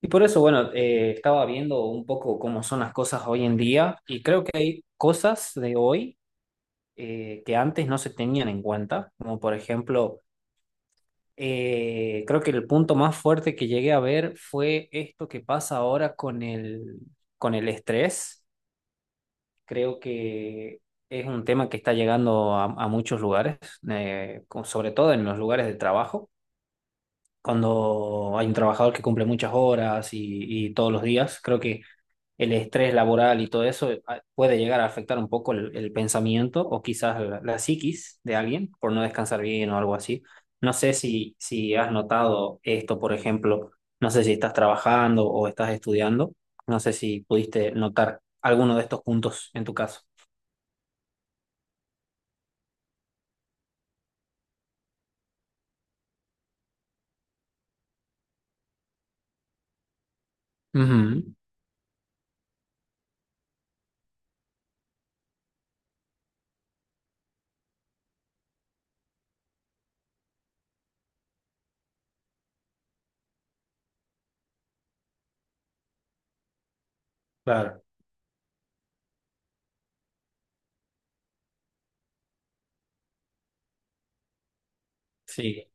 Y por eso, bueno, estaba viendo un poco cómo son las cosas hoy en día y creo que hay cosas de hoy que antes no se tenían en cuenta, como por ejemplo, creo que el punto más fuerte que llegué a ver fue esto que pasa ahora con el estrés. Creo que es un tema que está llegando a muchos lugares, sobre todo en los lugares de trabajo. Cuando hay un trabajador que cumple muchas horas y todos los días, creo que el estrés laboral y todo eso puede llegar a afectar un poco el pensamiento o quizás la psiquis de alguien por no descansar bien o algo así. No sé si has notado esto, por ejemplo, no sé si estás trabajando o estás estudiando, no sé si pudiste notar alguno de estos puntos en tu caso. Ujú. Claro, sí.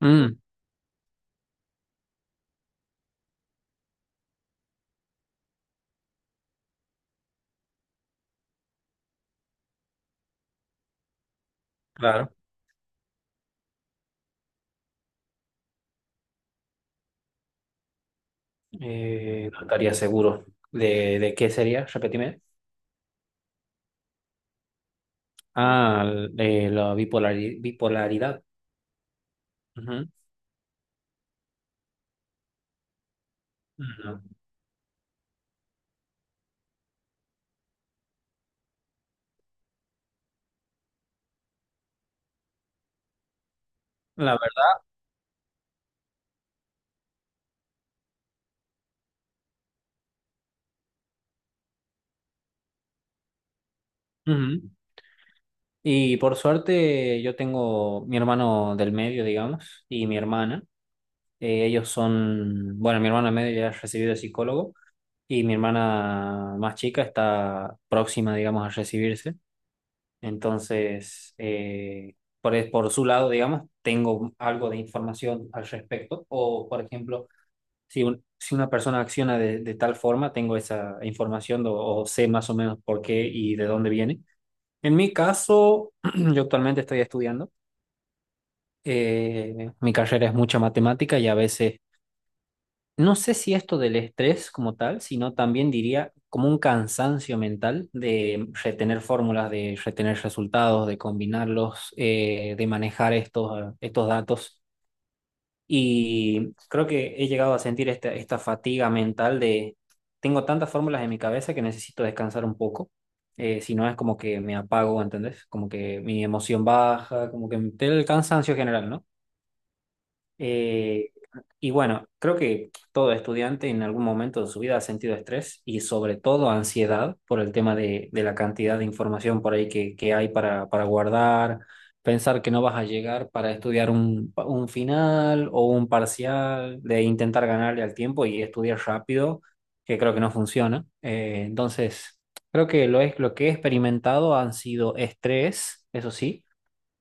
Mm, claro. No estaría seguro de qué sería, repetime. Ah, de la bipolaridad. Ujú. Ujú. La verdad. Ujú. Y por suerte yo tengo mi hermano del medio, digamos, y mi hermana. Ellos son, bueno, mi hermana medio ya ha recibido de psicólogo y mi hermana más chica está próxima, digamos, a recibirse. Entonces, por su lado, digamos, tengo algo de información al respecto. O, por ejemplo, si una persona acciona de tal forma, tengo esa información o sé más o menos por qué y de dónde viene. En mi caso, yo actualmente estoy estudiando. Eh, mi carrera es mucha matemática y a veces, no sé si esto del estrés como tal, sino también diría como un cansancio mental de retener fórmulas, de retener resultados, de combinarlos, de manejar estos datos. Y creo que he llegado a sentir esta fatiga mental de, tengo tantas fórmulas en mi cabeza que necesito descansar un poco. Si no es como que me apago, ¿entendés? Como que mi emoción baja, como que el cansancio general, ¿no? Eh, y bueno, creo que todo estudiante en algún momento de su vida ha sentido estrés y sobre todo ansiedad por el tema de la cantidad de información por ahí que hay para guardar, pensar que no vas a llegar para estudiar un final o un parcial, de intentar ganarle al tiempo y estudiar rápido, que creo que no funciona. Entonces, creo que lo que he experimentado han sido estrés, eso sí,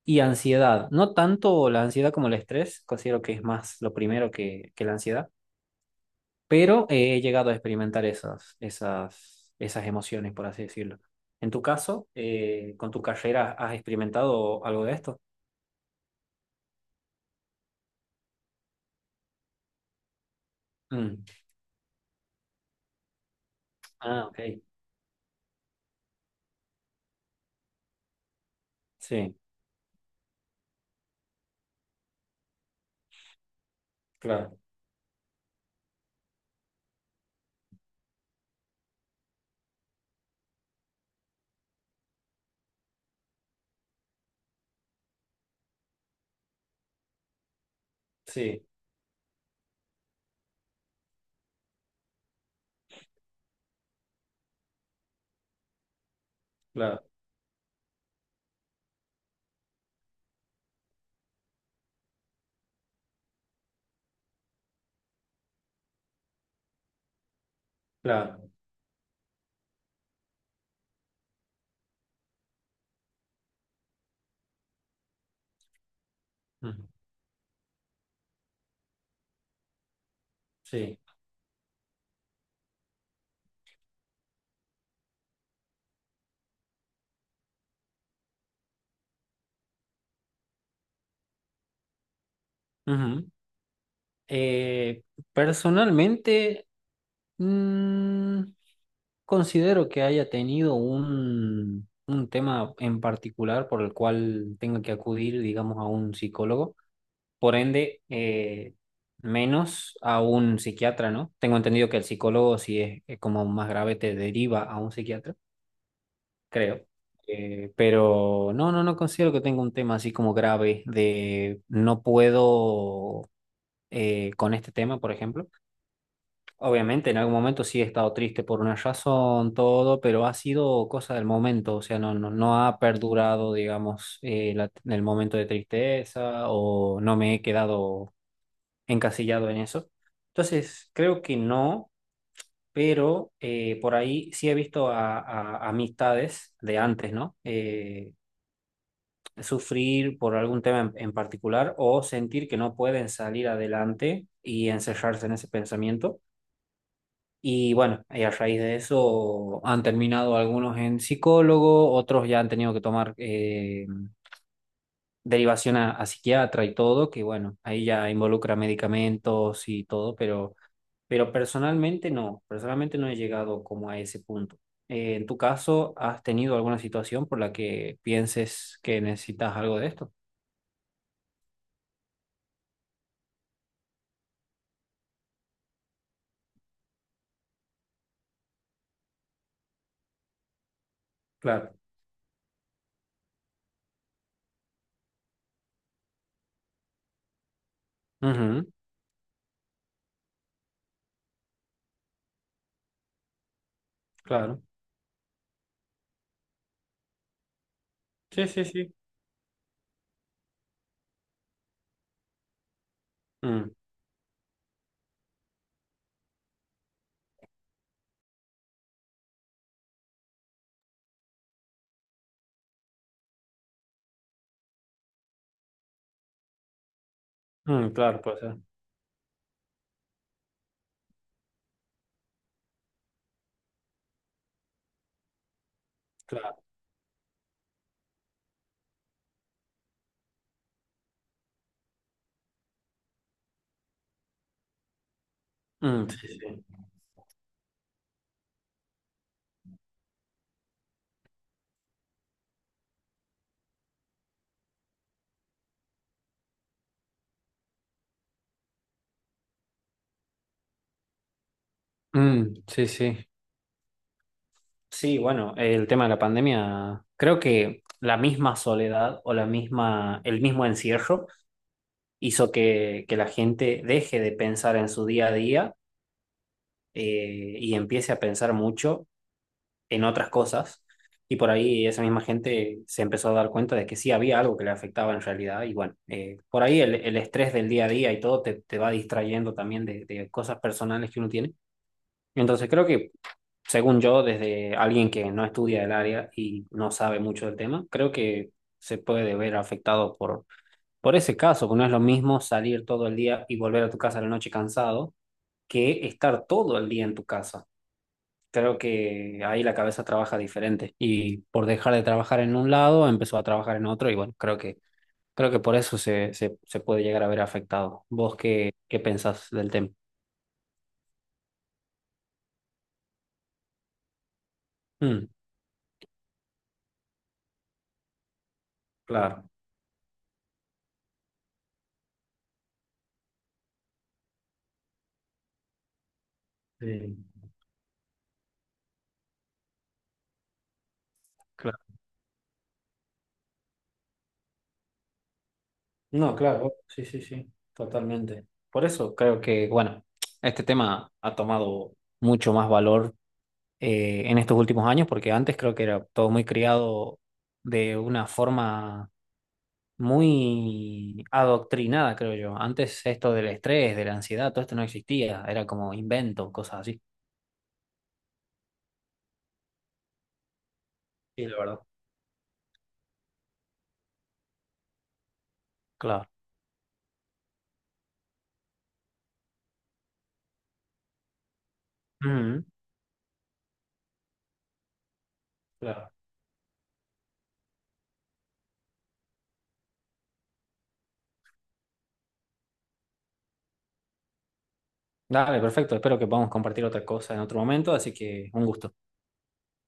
y ansiedad, no tanto la ansiedad como el estrés, considero que es más lo primero que la ansiedad, pero he llegado a experimentar esas emociones, por así decirlo. En tu caso, con tu carrera, ¿has experimentado algo de esto? Mm. Ah, ok. Sí, claro, sí, claro, claro. Ujú. Sí. Ujú. Eh, personalmente, mm, considero que haya tenido un tema en particular por el cual tenga que acudir, digamos, a un psicólogo, por ende, menos a un psiquiatra, ¿no? Tengo entendido que el psicólogo, si es, es como más grave, te deriva a un psiquiatra, creo. Pero no considero que tenga un tema así como grave de no puedo con este tema, por ejemplo. Obviamente, en algún momento sí he estado triste por una razón, todo, pero ha sido cosa del momento, o sea, no ha perdurado, digamos, el momento de tristeza o no me he quedado encasillado en eso. Entonces, creo que no, pero por ahí sí he visto amistades de antes, ¿no? Sufrir por algún tema en particular o sentir que no pueden salir adelante y encerrarse en ese pensamiento. Y bueno, y a raíz de eso han terminado algunos en psicólogo, otros ya han tenido que tomar derivación a psiquiatra y todo, que bueno, ahí ya involucra medicamentos y todo, pero personalmente no he llegado como a ese punto. ¿En tu caso has tenido alguna situación por la que pienses que necesitas algo de esto? Claro. Ujú, claro. Sí, sí, sí. Mm, mm, claro, pues. Claro. Mm, sí, sí. Mm, sí, sí. Sí, bueno, el tema de la pandemia, creo que la misma soledad o la misma, el mismo encierro hizo que la gente deje de pensar en su día a día y empiece a pensar mucho en otras cosas. Y por ahí esa misma gente se empezó a dar cuenta de que sí había algo que le afectaba en realidad. Y bueno, por ahí el estrés del día a día y todo te va distrayendo también de cosas personales que uno tiene. Entonces creo que según yo, desde alguien que no estudia el área y no sabe mucho del tema, creo que se puede ver afectado por ese caso, que no es lo mismo salir todo el día y volver a tu casa a la noche cansado que estar todo el día en tu casa. Creo que ahí la cabeza trabaja diferente y por dejar de trabajar en un lado empezó a trabajar en otro y bueno, creo que por eso se puede llegar a ver afectado. ¿Vos qué pensás del tema? Mm, claro. Sí. No, claro, sí, sí, sí, totalmente. Por eso creo que, bueno, este tema ha tomado mucho más valor en estos últimos años, porque antes creo que era todo muy criado de una forma muy adoctrinada, creo yo. Antes esto del estrés, de la ansiedad, todo esto no existía, era como invento, cosas así. Sí, la verdad. Claro. Mm, claro. Dale, perfecto. Espero que podamos compartir otra cosa en otro momento, así que un gusto.